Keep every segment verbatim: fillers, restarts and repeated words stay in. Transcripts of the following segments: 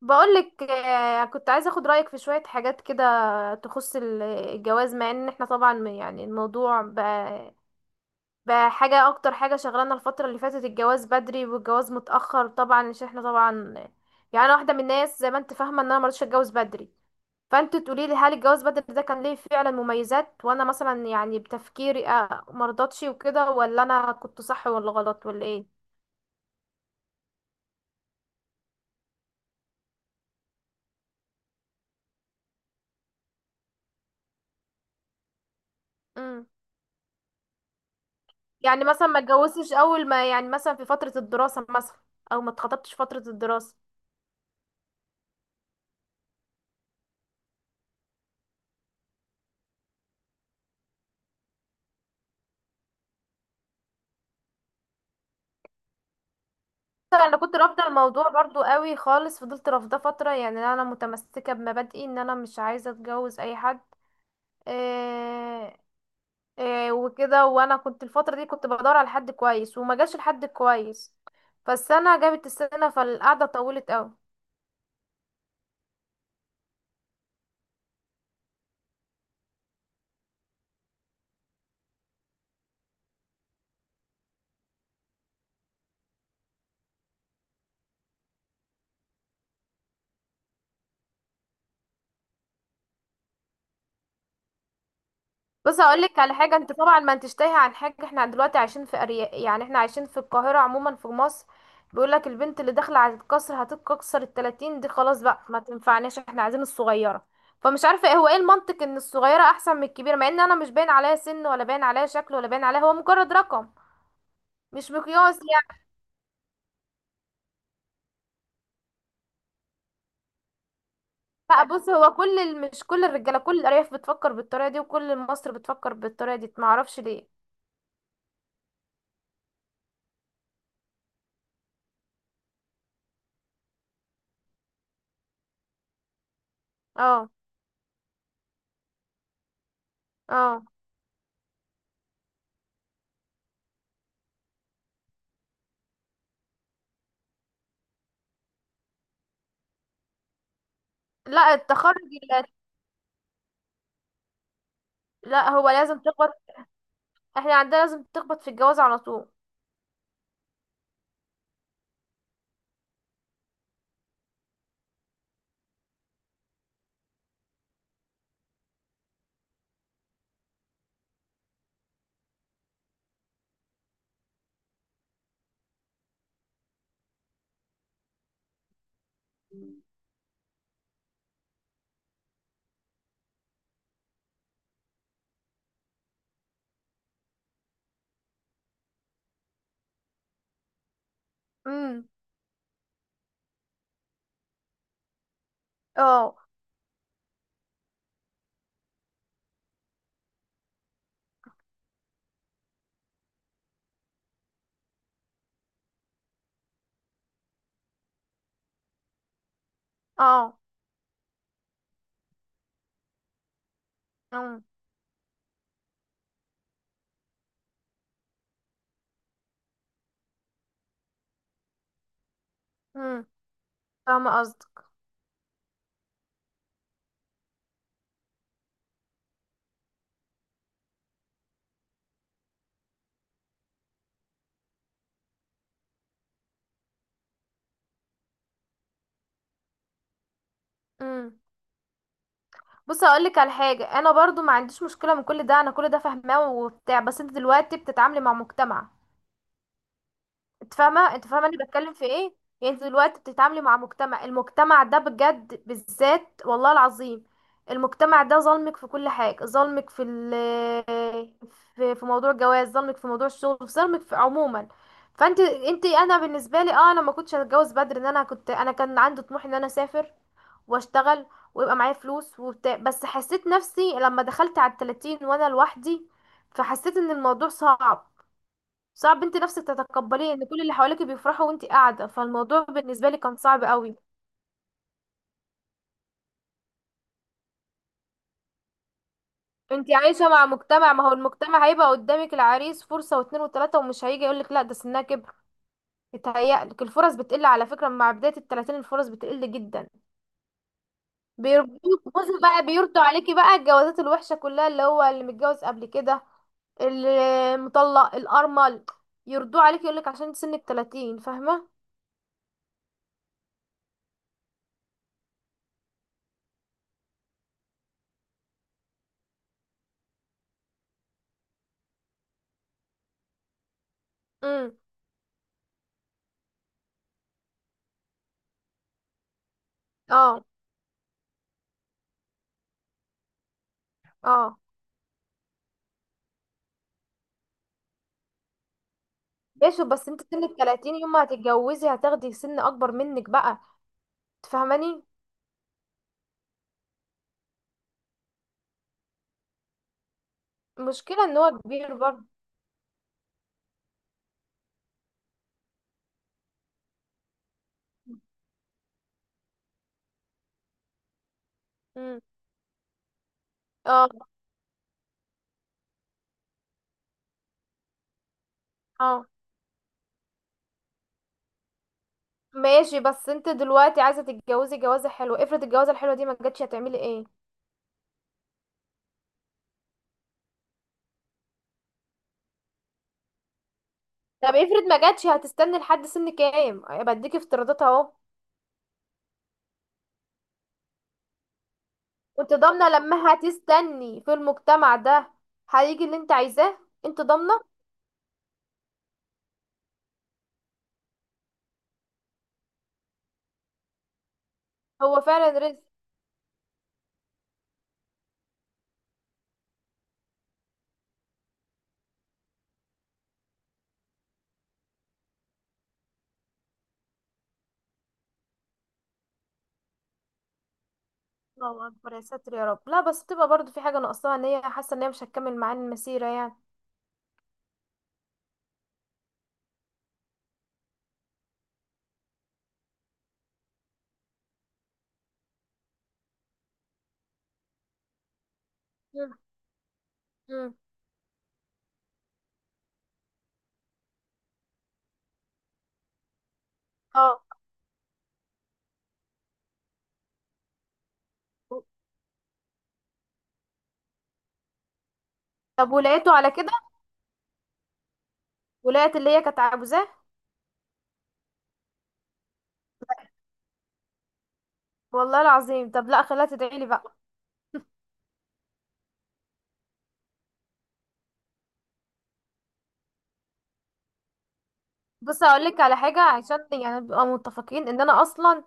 بقولك آه، كنت عايزة اخد رأيك في شوية حاجات كده تخص ال- الجواز مع ان احنا طبعا م- يعني الموضوع بقى, بقى حاجة، اكتر حاجة شغلانة الفترة اللي فاتت الجواز بدري والجواز متأخر، طبعا عشان احنا طبعا يعني أنا واحدة من الناس زي ما انت فاهمة ان انا مرضتش اتجوز بدري. فانت تقولي لي هل الجواز بدري ده كان ليه فعلا مميزات، وانا مثلا يعني بتفكيري آه، مرضتش وكده، ولا انا كنت صح، ولا غلط، ولا ايه؟ يعني مثلا ما اتجوزتش اول ما يعني مثلا في فترة الدراسة مثلا، او ما اتخطبتش فترة الدراسة. مثلا انا كنت رافضة الموضوع برضو قوي خالص، فضلت رافضة فترة، يعني انا متمسكة بمبادئي ان انا مش عايزة اتجوز اي حد. إيه، إيه وكده. وانا كنت الفترة دي كنت بدور على حد كويس، وما جاش الحد كويس. فالسنة جابت السنة، فالقعدة طولت قوي. بص هقول لك على حاجه، انت طبعا ما انتش تايهه عن حاجه. احنا دلوقتي عايشين في ارياف، يعني احنا عايشين في القاهره، عموما في مصر. بيقول لك البنت اللي داخله على القصر هتتكسر، ال التلاتين دي خلاص بقى ما تنفعناش، احنا عايزين الصغيره. فمش عارفه ايه هو، ايه المنطق ان الصغيره احسن من الكبيره، مع ان انا مش باين عليا سن، ولا باين عليا شكل، ولا باين عليا، هو مجرد رقم. مش مقياس يعني. لا بص، هو كل ال... مش كل الرجاله، كل الارياف بتفكر بالطريقه دي، وكل مصر بتفكر بالطريقه دي، ما اعرفش ليه. اه. اه. لا، التخرج. لا. لا، هو لازم تكبر. احنا عندنا لازم تخبط في الجواز على طول. امم. اه. اه. امم. امم. فاهمه قصدك. امم. بص هقول لك على حاجه، انا برضو ما عنديش مشكله من كل ده، انا كل ده فاهماه وبتاع، بس انت دلوقتي بتتعاملي مع مجتمع. انت فاهمه، انت فاهمه انا بتكلم في ايه؟ يعني انت دلوقتي بتتعاملي مع مجتمع، المجتمع ده بجد، بالذات والله العظيم المجتمع ده ظلمك في كل حاجه، ظلمك في ال في في موضوع الجواز، ظلمك في موضوع الشغل، في ظلمك في عموما. فانت، انت، انا بالنسبه لي اه، انا ما كنتش هتجوز بدري، ان انا كنت، انا كان عندي طموح ان انا اسافر واشتغل ويبقى معايا فلوس وبتاع. بس حسيت نفسي لما دخلت على التلاتين وانا لوحدي، فحسيت ان الموضوع صعب. صعب انت نفسك تتقبليه ان كل اللي حواليك بيفرحوا وانت قاعده، فالموضوع بالنسبه لي كان صعب قوي. انت عايشه مع مجتمع، ما هو المجتمع هيبقى قدامك العريس فرصه واتنين وتلاته، ومش هيجي يقولك لا ده سنها كبر. يتهيألك الفرص بتقل على فكره، مع بدايه التلاتين الفرص بتقل جدا. بيرضوك، بصي بقى بيرضوا عليكي بقى الجوازات الوحشه كلها، اللي هو اللي متجوز قبل كده، المطلق، الارمل، يرضوه عليكي، يقولك عشان انت سنك تلاتين، فاهمه. امم. اه. اه. ماشي، بس انت سن ال التلاتين يوم ما هتتجوزي هتاخدي سن اكبر منك بقى. تفهماني. المشكله ان هو كبير برضه. مم. اه. اه. ماشي، بس انت دلوقتي عايزه تتجوزي جوازه حلوه، افرض الجوازه الحلوه دي ما جاتش هتعملي ايه؟ طب افرض ما جاتش هتستني لحد سن كام؟ بديك افتراضات اهو. وانت ضامنه لما هتستني في المجتمع ده هيجي اللي انت عايزاه؟ انت ضامنه؟ هو فعلا رزق. الله اكبر يا ساتر يا رب. لا بس بتبقى برضو في حاجه ناقصاها، ان هي حاسه ان هي مش هتكمل معاه المسيره يعني. مم. مم. اه. طب ولقيته على كده؟ ولقيت اللي هي كانت عاوزاه؟ والله العظيم؟ طب لا، خليها تدعي لي بقى. بص هقولك على حاجه عشان يعني نبقى متفقين ان انا اصلا،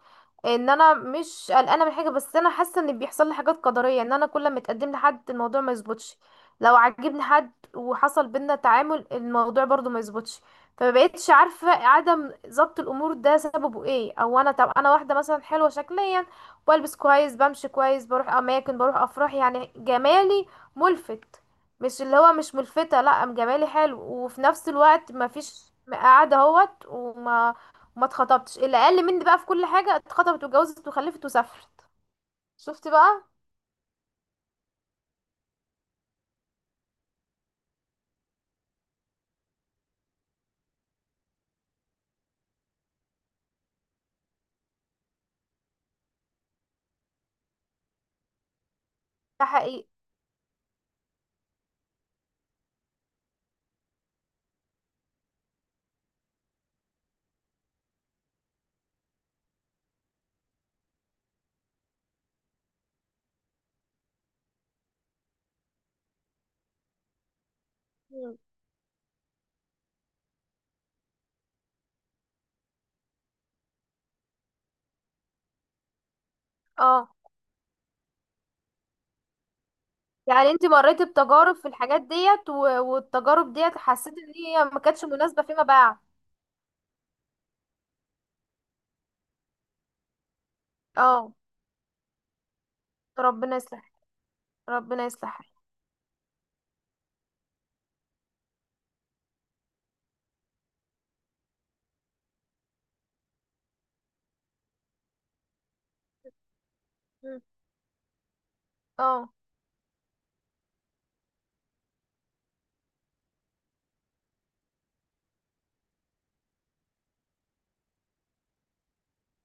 ان انا مش قلقانه من حاجه، بس انا حاسه ان بيحصل لي حاجات قدريه، ان انا كل ما اتقدم لحد، الموضوع ما يظبطش. لو عجبني حد وحصل بينا تعامل، الموضوع برضو ما يظبطش. فمبقتش عارفه عدم ضبط الامور ده سببه ايه، او انا، طب انا واحده مثلا حلوه شكليا، بلبس كويس، بمشي كويس، بروح اماكن، بروح افراح، يعني جمالي ملفت. مش اللي هو مش ملفتة، لا، قام جمالي حلو، وفي نفس الوقت ما فيش قاعدة اهوت وما ما اتخطبتش. اللي اقل مني بقى في كل حاجة اتخطبت واتجوزت وخلفت وسافرت. شفت بقى. ده حقيقي. مم. اه. يعني انت مريتي بتجارب في الحاجات ديت و... والتجارب ديت حسيت ان هي ما كانتش مناسبة فيما بعد. اه. ربنا يصلح. ربنا يصلح. مم. اه.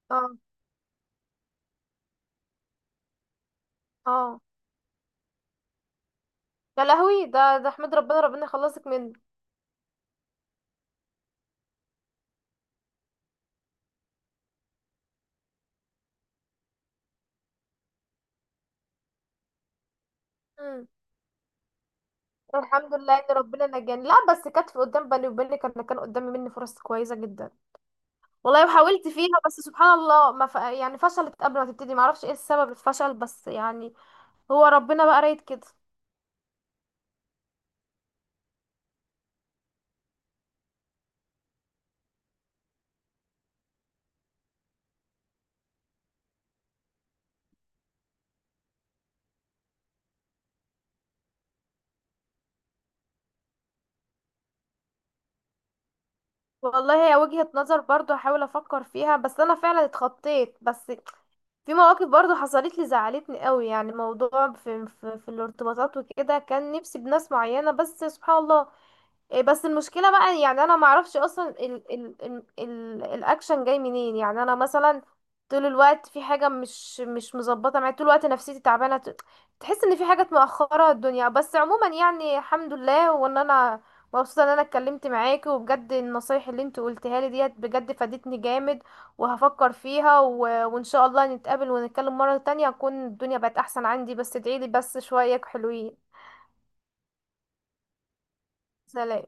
اه. اه يا لهوي، ده ده احمد ربنا، ربنا يخلصك منه. مم. الحمد لله ان ربنا نجاني. لا بس كانت في قدام بالي وبينك، انا كان قدامي مني فرص كويسه جدا والله، وحاولت فيها، بس سبحان الله ما ف... يعني فشلت قبل ما تبتدي، ما اعرفش ايه السبب الفشل بس يعني، هو ربنا بقى رايد كده. والله هي وجهة نظر برضو، هحاول افكر فيها. بس انا فعلا اتخطيت، بس في مواقف برضو حصلت لي زعلتني قوي، يعني موضوع في, في, في الارتباطات وكده، كان نفسي بناس معينه، بس سبحان الله. إيه، بس المشكلة بقى يعني انا معرفش اصلا ال ال ال ال الاكشن جاي منين. يعني انا مثلا طول الوقت في حاجة مش مش مظبطة معايا، طول الوقت نفسيتي تعبانة، ت- تحس ان في حاجات مأخرة الدنيا. بس عموما يعني الحمد لله، وان انا مبسوطة ان انا اتكلمت معاكي، وبجد النصايح اللي انت قلتها لي ديت بجد فادتني جامد، وهفكر فيها و... وان شاء الله نتقابل ونتكلم مرة تانية، اكون الدنيا بقت احسن عندي. بس ادعيلي بس شوية حلوين. سلام.